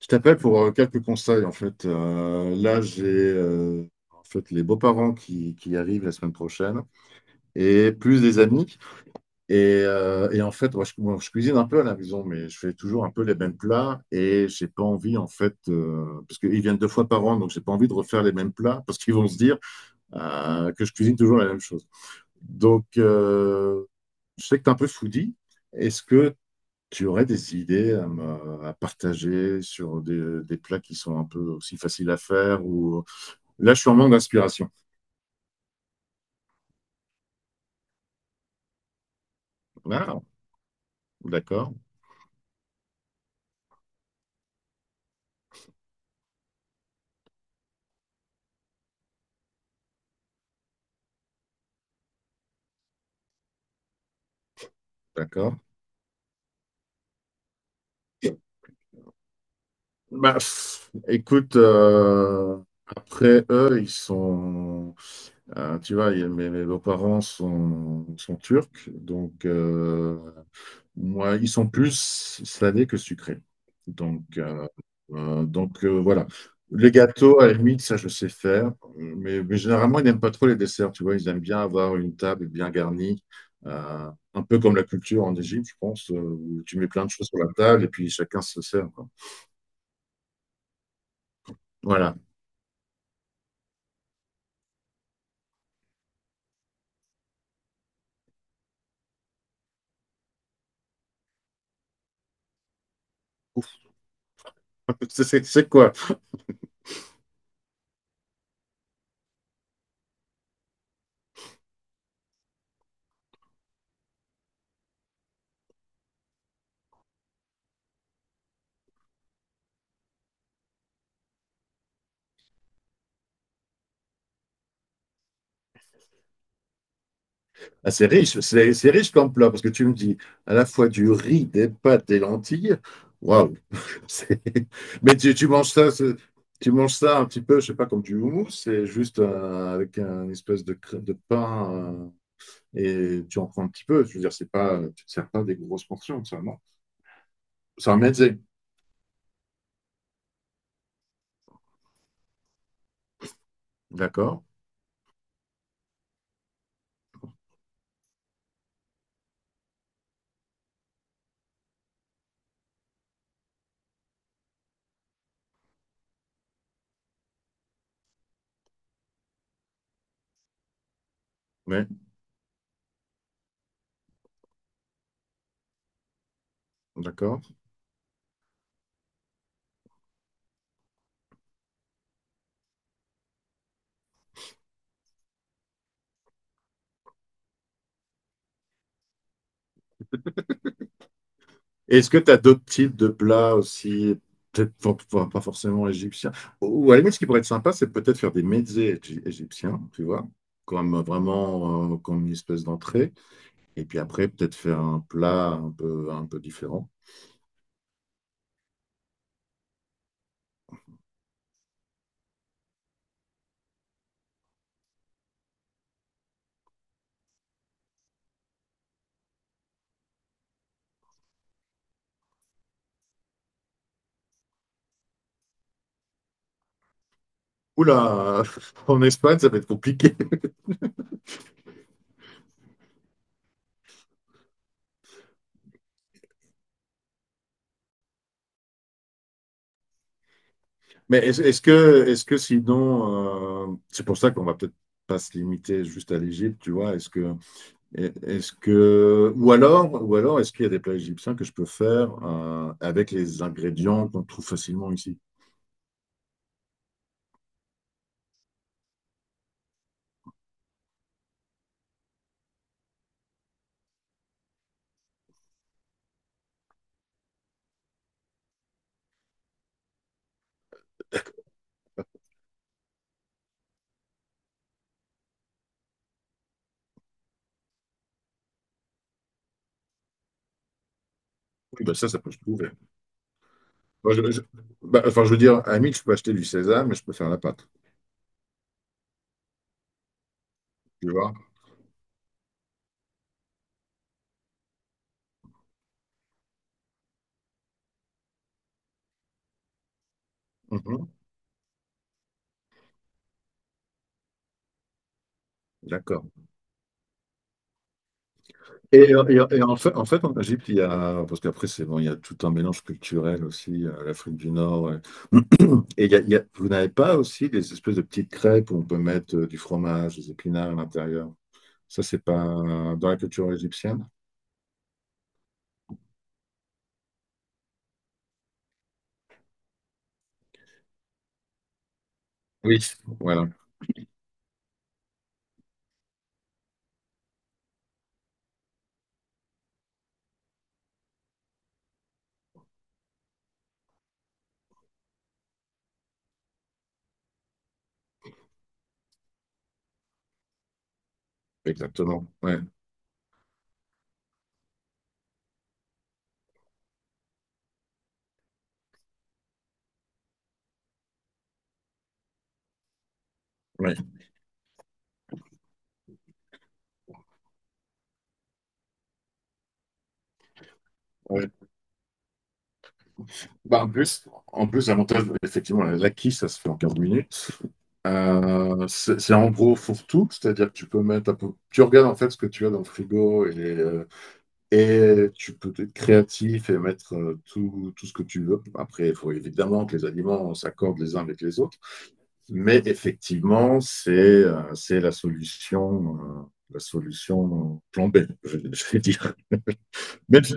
Je t'appelle pour quelques conseils en fait. Là, j'ai en fait les beaux-parents qui arrivent la semaine prochaine et plus des amis. Et en fait, moi, je cuisine un peu à la maison, mais je fais toujours un peu les mêmes plats et j'ai pas envie en fait parce qu'ils viennent deux fois par an, donc j'ai pas envie de refaire les mêmes plats parce qu'ils vont se dire que je cuisine toujours la même chose. Donc, euh, je sais que tu es un peu foodie. Est-ce que tu aurais des idées à, à partager sur des plats qui sont un peu aussi faciles à faire Là, je suis en manque d'inspiration. Ah, d'accord, d'accord. Bah, pff, écoute, après eux, tu vois, mes beaux-parents sont turcs, moi, ils sont plus salés que sucrés. Donc, euh, voilà. Les gâteaux, à la limite, ça, je sais faire. Mais généralement, ils n'aiment pas trop les desserts. Tu vois, ils aiment bien avoir une table bien garnie, un peu comme la culture en Égypte, je pense, où tu mets plein de choses sur la table et puis chacun se sert, quoi. Voilà. C'est quoi? Ah, c'est riche. C'est riche comme plat parce que tu me dis à la fois du riz, des pâtes, des lentilles. Waouh, C'est- Mais tu manges ça, tu manges ça un petit peu, je sais pas, comme du houmous, c'est juste avec un espèce de, de pain, euh, et tu en prends un petit peu. Je veux dire, c'est pas, tu te sers pas des grosses portions, ça, non? C'est un mezzé, d'accord? Oui, d'accord. Est-ce que tu as d'autres types de plats aussi, peut-être pas, pas forcément égyptiens? Ou à la limite, ce qui pourrait être sympa, c'est peut-être faire des mezzés égyptiens, tu vois, comme vraiment comme une espèce d'entrée. Et puis après, peut-être faire un plat un peu différent. Oula, en Espagne, ça va être compliqué. Mais est-ce que sinon, c'est pour ça qu'on va peut-être pas se limiter juste à l'Égypte, tu vois. Est-ce que, ou alors, est-ce qu'il y a des plats égyptiens que je peux faire avec les ingrédients qu'on trouve facilement ici? Oui, bah ça, ça peut se trouver. Moi, bah, enfin, je veux dire, à la limite, je peux acheter du sésame, mais je peux faire la pâte, tu vois. Mhm. D'accord. Et, et en fait, en fait, en Égypte, il y a, parce qu'après, c'est bon, il y a tout un mélange culturel aussi, l'Afrique du Nord. Et, vous n'avez pas aussi des espèces de petites crêpes où on peut mettre du fromage, des épinards à l'intérieur. Ça, c'est pas dans la culture égyptienne? Oui. Voilà, exactement. Ouais, ouais, ouais. Bah, en plus, l'avantage, effectivement, l'acquis, ça se fait en 15 minutes. C'est en gros fourre-tout, c'est-à-dire que tu peux mettre tu regardes en fait ce que tu as dans le frigo et tu peux être créatif et mettre tout ce que tu veux. Après, il faut évidemment que les aliments s'accordent les uns avec les autres. Mais effectivement, c'est la solution plan B, je vais dire. Même, si-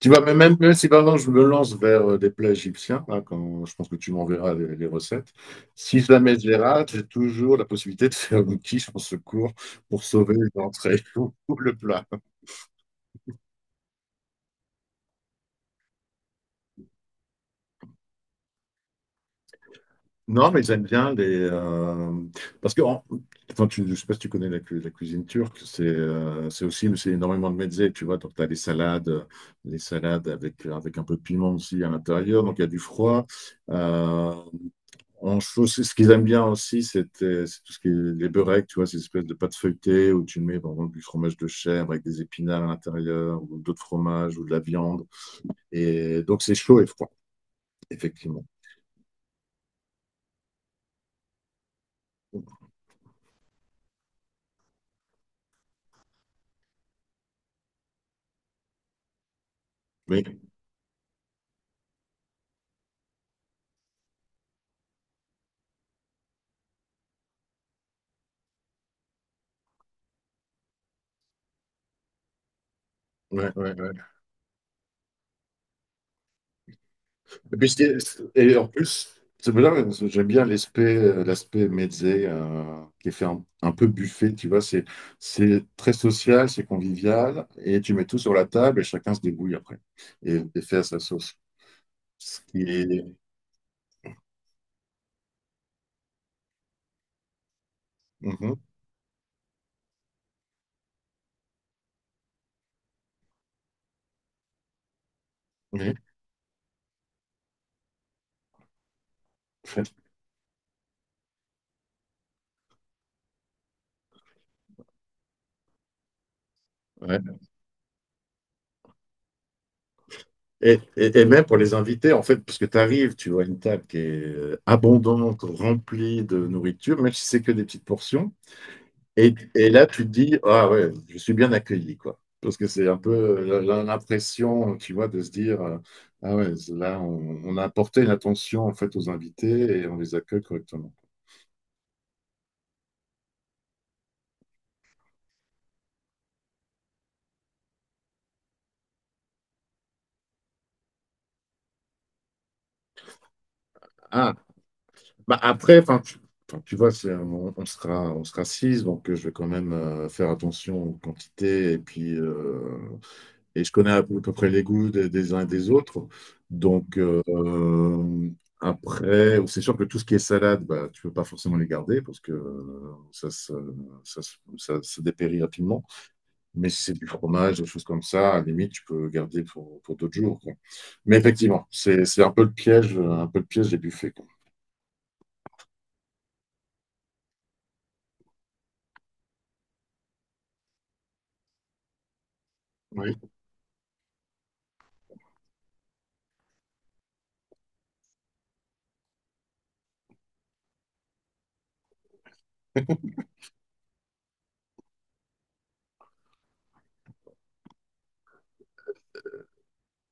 Tu vois, même si maintenant je me lance vers des plats égyptiens, hein, je pense que tu m'enverras les recettes. Si jamais je les rate, j'ai toujours la possibilité de faire un quiche en secours pour sauver l'entrée ou le plat. Non, mais ils aiment bien les, parce que, enfin, je ne sais pas si tu connais la, la cuisine turque, c'est aussi c'est énormément de mezze, tu vois. Donc, tu as les salades avec, avec un peu de piment aussi à l'intérieur, donc il y a du froid. Euh, en chose, ce qu'ils aiment bien aussi, c'est tout ce qui est les beureks, tu vois, ces espèces de pâtes feuilletées où tu mets, par exemple, du fromage de chèvre avec des épinards à l'intérieur, ou d'autres fromages, ou de la viande. Et donc, c'est chaud et froid, effectivement. Oui, ouais, ouais, ouais. Et puis, ce qui Et en plus, c'est bien, j'aime bien l'aspect l'aspect mezze qui est fait un peu buffet, tu vois, c'est très social, c'est convivial, et tu mets tout sur la table et chacun se débrouille après et fait à sa sauce. Ce qui est... Mhm, oui, ouais, ouais. Et, et même pour les invités, en fait, parce que tu arrives, tu vois une table qui est abondante, remplie de nourriture, même si c'est que des petites portions. Et là, tu te dis, ah ouais, je suis bien accueilli, quoi. Parce que c'est un peu l'impression, tu vois, de se dire, ah ouais, là, on a apporté une attention, en fait, aux invités et on les accueille correctement. Ah, bah après, enfin, tu vois, on sera six, je vais quand même faire attention aux quantités et puis et je connais à peu près les goûts des uns et des autres. Donc, euh, Après, bon, c'est sûr que tout ce qui est salade, bah, tu peux pas forcément les garder parce que ça se dépérit rapidement. Mais si c'est du fromage, des choses comme ça, à la limite, tu peux garder pour d'autres jours, quoi. Mais effectivement, c'est un peu le piège, un peu le piège des buffets, quoi. Oui,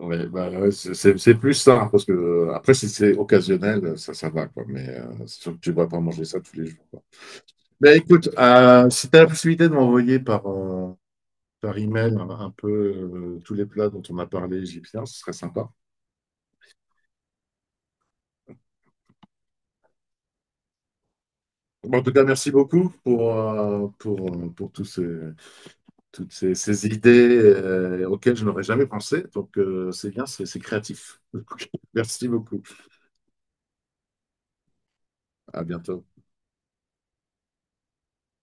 ouais, bah, ouais, c'est plus ça, hein, parce que après, si c'est occasionnel, ça va, quoi. Mais c'est sûr que tu ne vas pas manger ça tous les jours, quoi. Ben écoute, si tu as la possibilité de m'envoyer par email un peu tous les plats dont on a parlé égyptiens, ce serait sympa. Bon, en tout cas, merci beaucoup pour toutes ces idées auxquelles je n'aurais jamais pensé. C'est bien, c'est créatif. Merci beaucoup. À bientôt.